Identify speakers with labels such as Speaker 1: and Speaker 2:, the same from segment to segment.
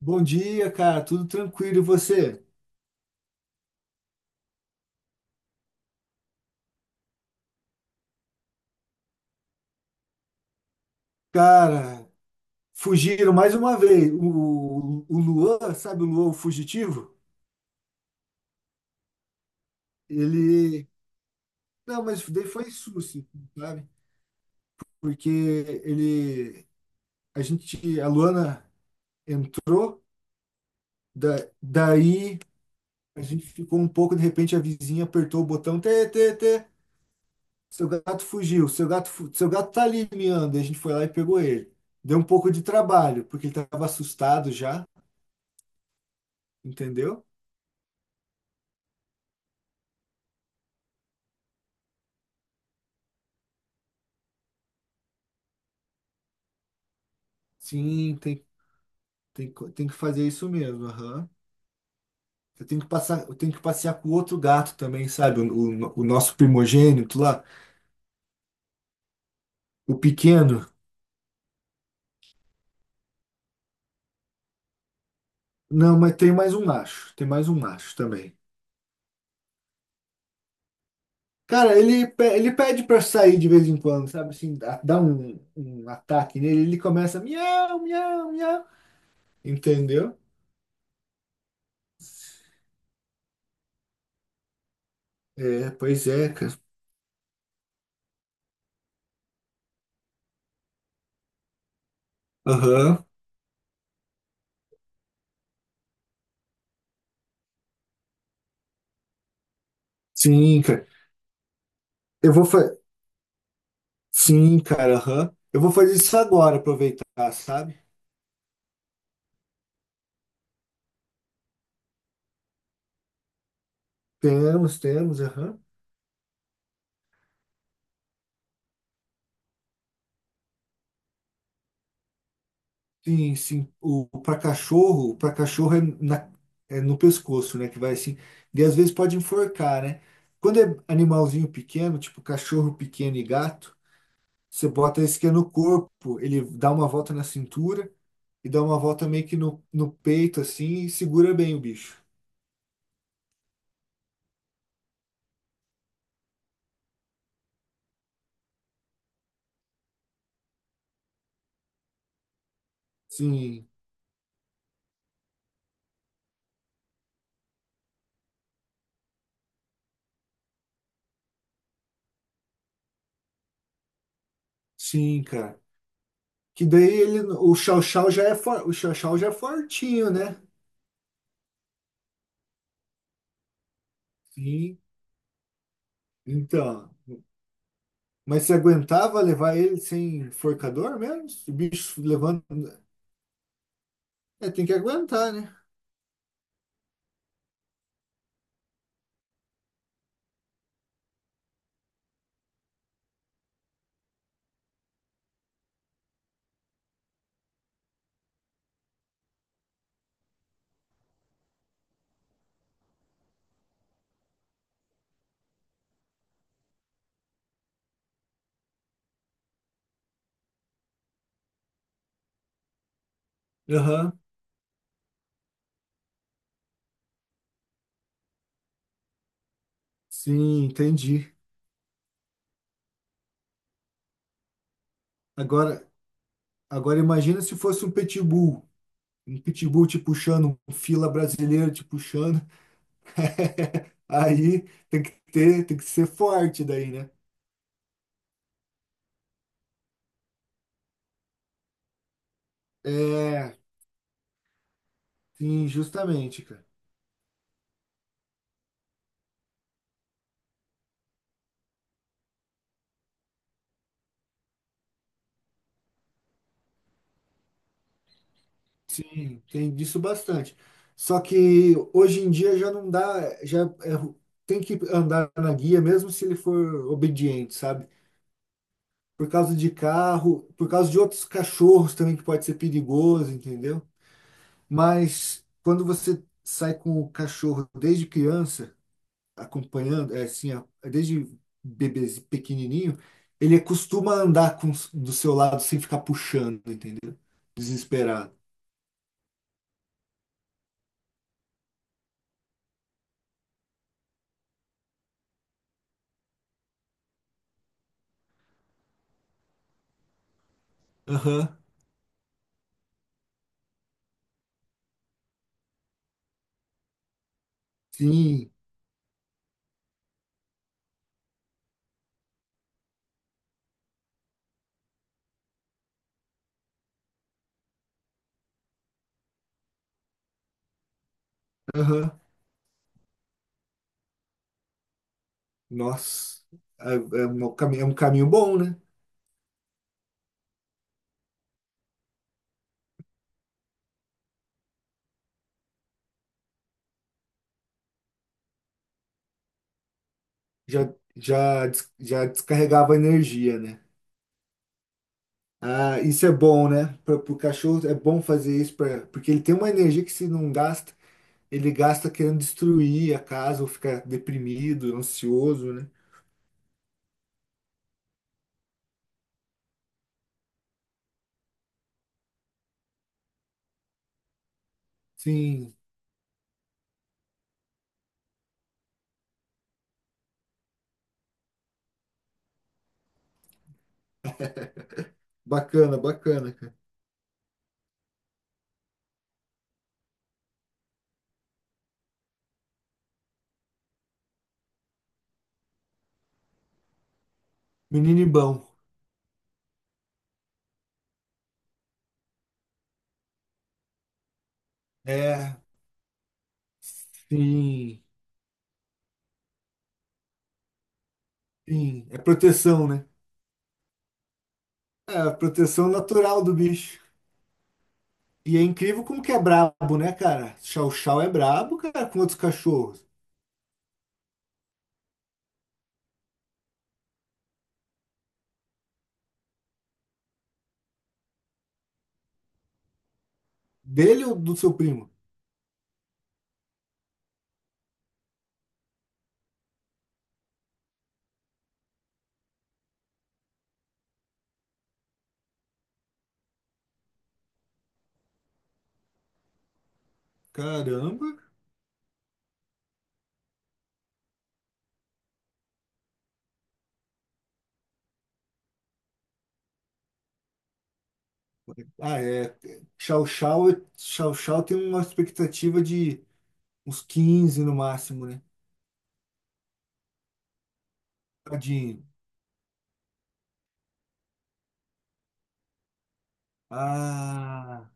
Speaker 1: Bom dia, cara. Tudo tranquilo e você? Cara, fugiram mais uma vez. O Luan, sabe o Luan, o fugitivo? Ele. Não, mas daí foi susto, sabe? Porque ele. A gente. A Luana entrou, da, daí a gente ficou um pouco, de repente a vizinha apertou o botão, tê, tê, tê. Seu gato fugiu, seu gato, seu gato tá ali miando. E a gente foi lá e pegou ele. Deu um pouco de trabalho, porque ele tava assustado já, entendeu? Sim, tem que fazer isso mesmo, aham. Eu tenho que passear com o outro gato também, sabe? O nosso primogênito lá, o pequeno. Não, mas tem mais um macho, tem mais um macho também. Cara, ele pede pra sair de vez em quando, sabe? Assim, dá um ataque nele, ele começa miau, miau, miau. Entendeu? É, pois é, cara. Aham. Sim, cara. Eu vou fazer. Sim, cara, aham. Eu vou fazer isso agora, aproveitar, sabe? Temos, temos, aham. Sim, sim. O, para cachorro é, é no pescoço, né? Que vai assim. E às vezes pode enforcar, né? Quando é animalzinho pequeno, tipo cachorro pequeno e gato, você bota esse que é no corpo, ele dá uma volta na cintura e dá uma volta meio que no peito, assim, e segura bem o bicho. Sim, sim, cara. Que daí ele, o chau-chau já é fortinho, né? Sim. Então. Mas você aguentava levar ele sem enforcador mesmo? O bicho levando. É, tem que aguentar, né? Aham. Sim, entendi. Agora, agora imagina se fosse um pitbull. Um pitbull te puxando, um fila brasileiro te puxando. Aí tem que ser forte daí, né? É, sim, justamente, cara. Sim, tem disso bastante. Só que hoje em dia já não dá, tem que andar na guia mesmo se ele for obediente, sabe? Por causa de carro, por causa de outros cachorros também que pode ser perigoso, entendeu? Mas quando você sai com o cachorro desde criança, acompanhando, é assim, ó, desde bebê pequenininho, ele costuma andar com, do seu lado sem ficar puxando, entendeu? Desesperado. Aham. Sim, aham. Nossa, é, é um caminho bom, né? Já, já descarregava energia, né? Ah, isso é bom, né? Para o cachorro é bom fazer isso, pra, porque ele tem uma energia que se não gasta, ele gasta querendo destruir a casa ou ficar deprimido, ansioso, né? Sim, bacana, bacana, cara. Menino bom. É, sim, sim. É proteção, né? É a proteção natural do bicho. E é incrível como que é brabo, né, cara? Chow Chow é brabo, cara, com outros cachorros. Dele ou do seu primo? Caramba. Ah, é. Chow Chow, Chow Chow tem uma expectativa de uns 15 no máximo, né? Tadinho. Ah,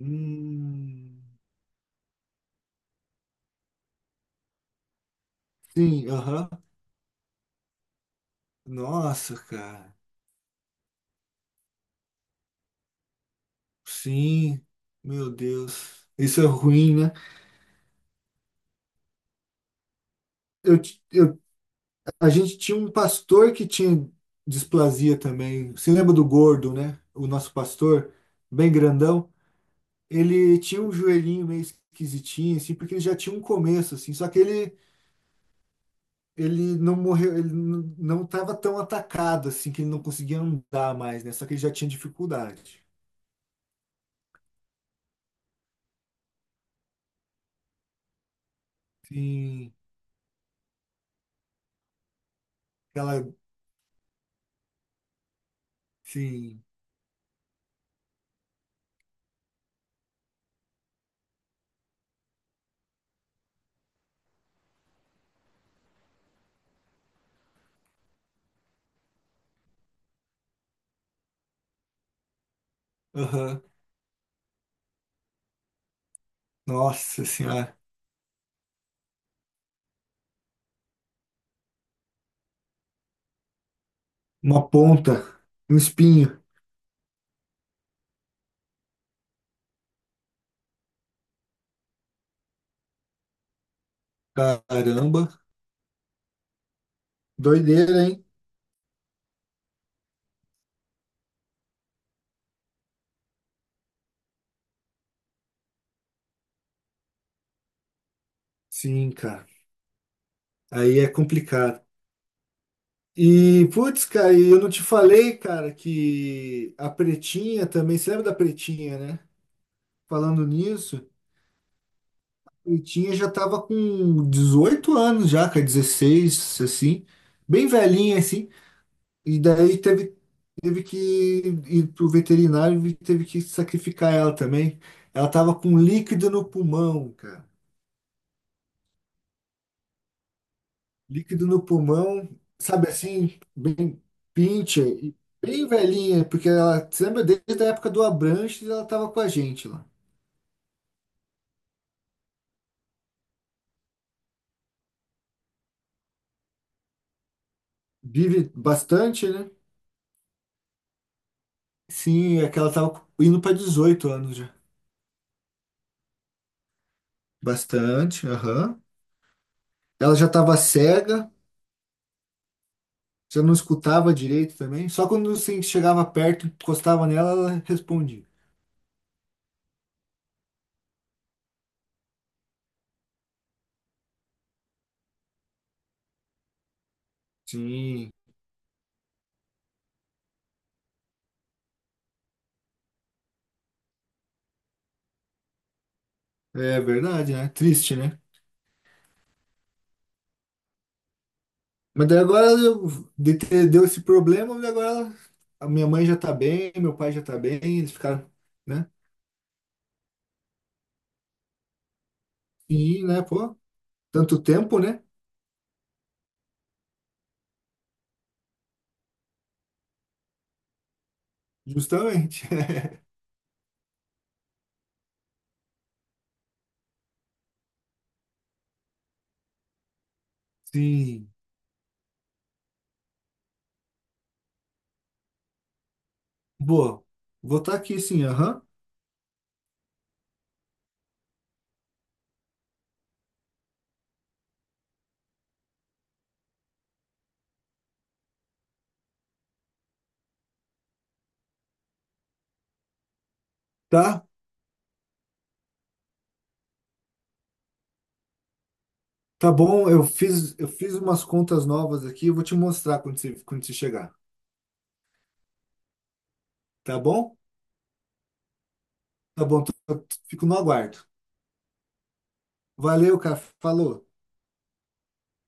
Speaker 1: hum, sim, aham. Nossa, cara. Sim, meu Deus. Isso é ruim, né? Eu, ti- eu, a gente tinha um pastor que tinha displasia também. Você lembra do gordo, né? O nosso pastor, bem grandão. Ele tinha um joelhinho meio esquisitinho, assim, porque ele já tinha um começo, assim. Só que ele não morreu, ele não estava tão atacado assim que ele não conseguia andar mais, né? Só que ele já tinha dificuldade. Sim, aquela, sim, aham. Nossa senhora, uma ponta, um espinho. Caramba, doideira, hein? Sim, cara. Aí é complicado. E, putz, cara, e eu não te falei, cara, que a Pretinha também, você lembra da Pretinha, né? Falando nisso. Já tava com 18 anos já, cara, 16 assim, bem velhinha, assim, e daí teve que ir pro veterinário e teve que sacrificar ela também. Ela tava com líquido no pulmão, cara, líquido no pulmão, sabe assim, bem pincha, e bem velhinha, porque ela, você lembra, desde a época do Abranches ela tava com a gente lá. Vive bastante, né? Sim, é que ela tava indo para 18 anos já. Bastante, aham. Ela já estava cega, já não escutava direito também. Só quando você chegava perto, encostava nela, ela respondia. Sim, é verdade, né? Triste, né? Mas daí agora deu esse problema, e agora ela- a minha mãe já tá bem, meu pai já tá bem, eles ficaram, né? E, né, pô, tanto tempo, né? Justamente. Sim. Boa. Vou estar aqui sim, aham. Tá? Tá bom, eu fiz umas contas novas aqui, eu vou te mostrar quando você chegar. Tá bom? Tá bom, tô- fico no aguardo. Valeu, cara. Falou.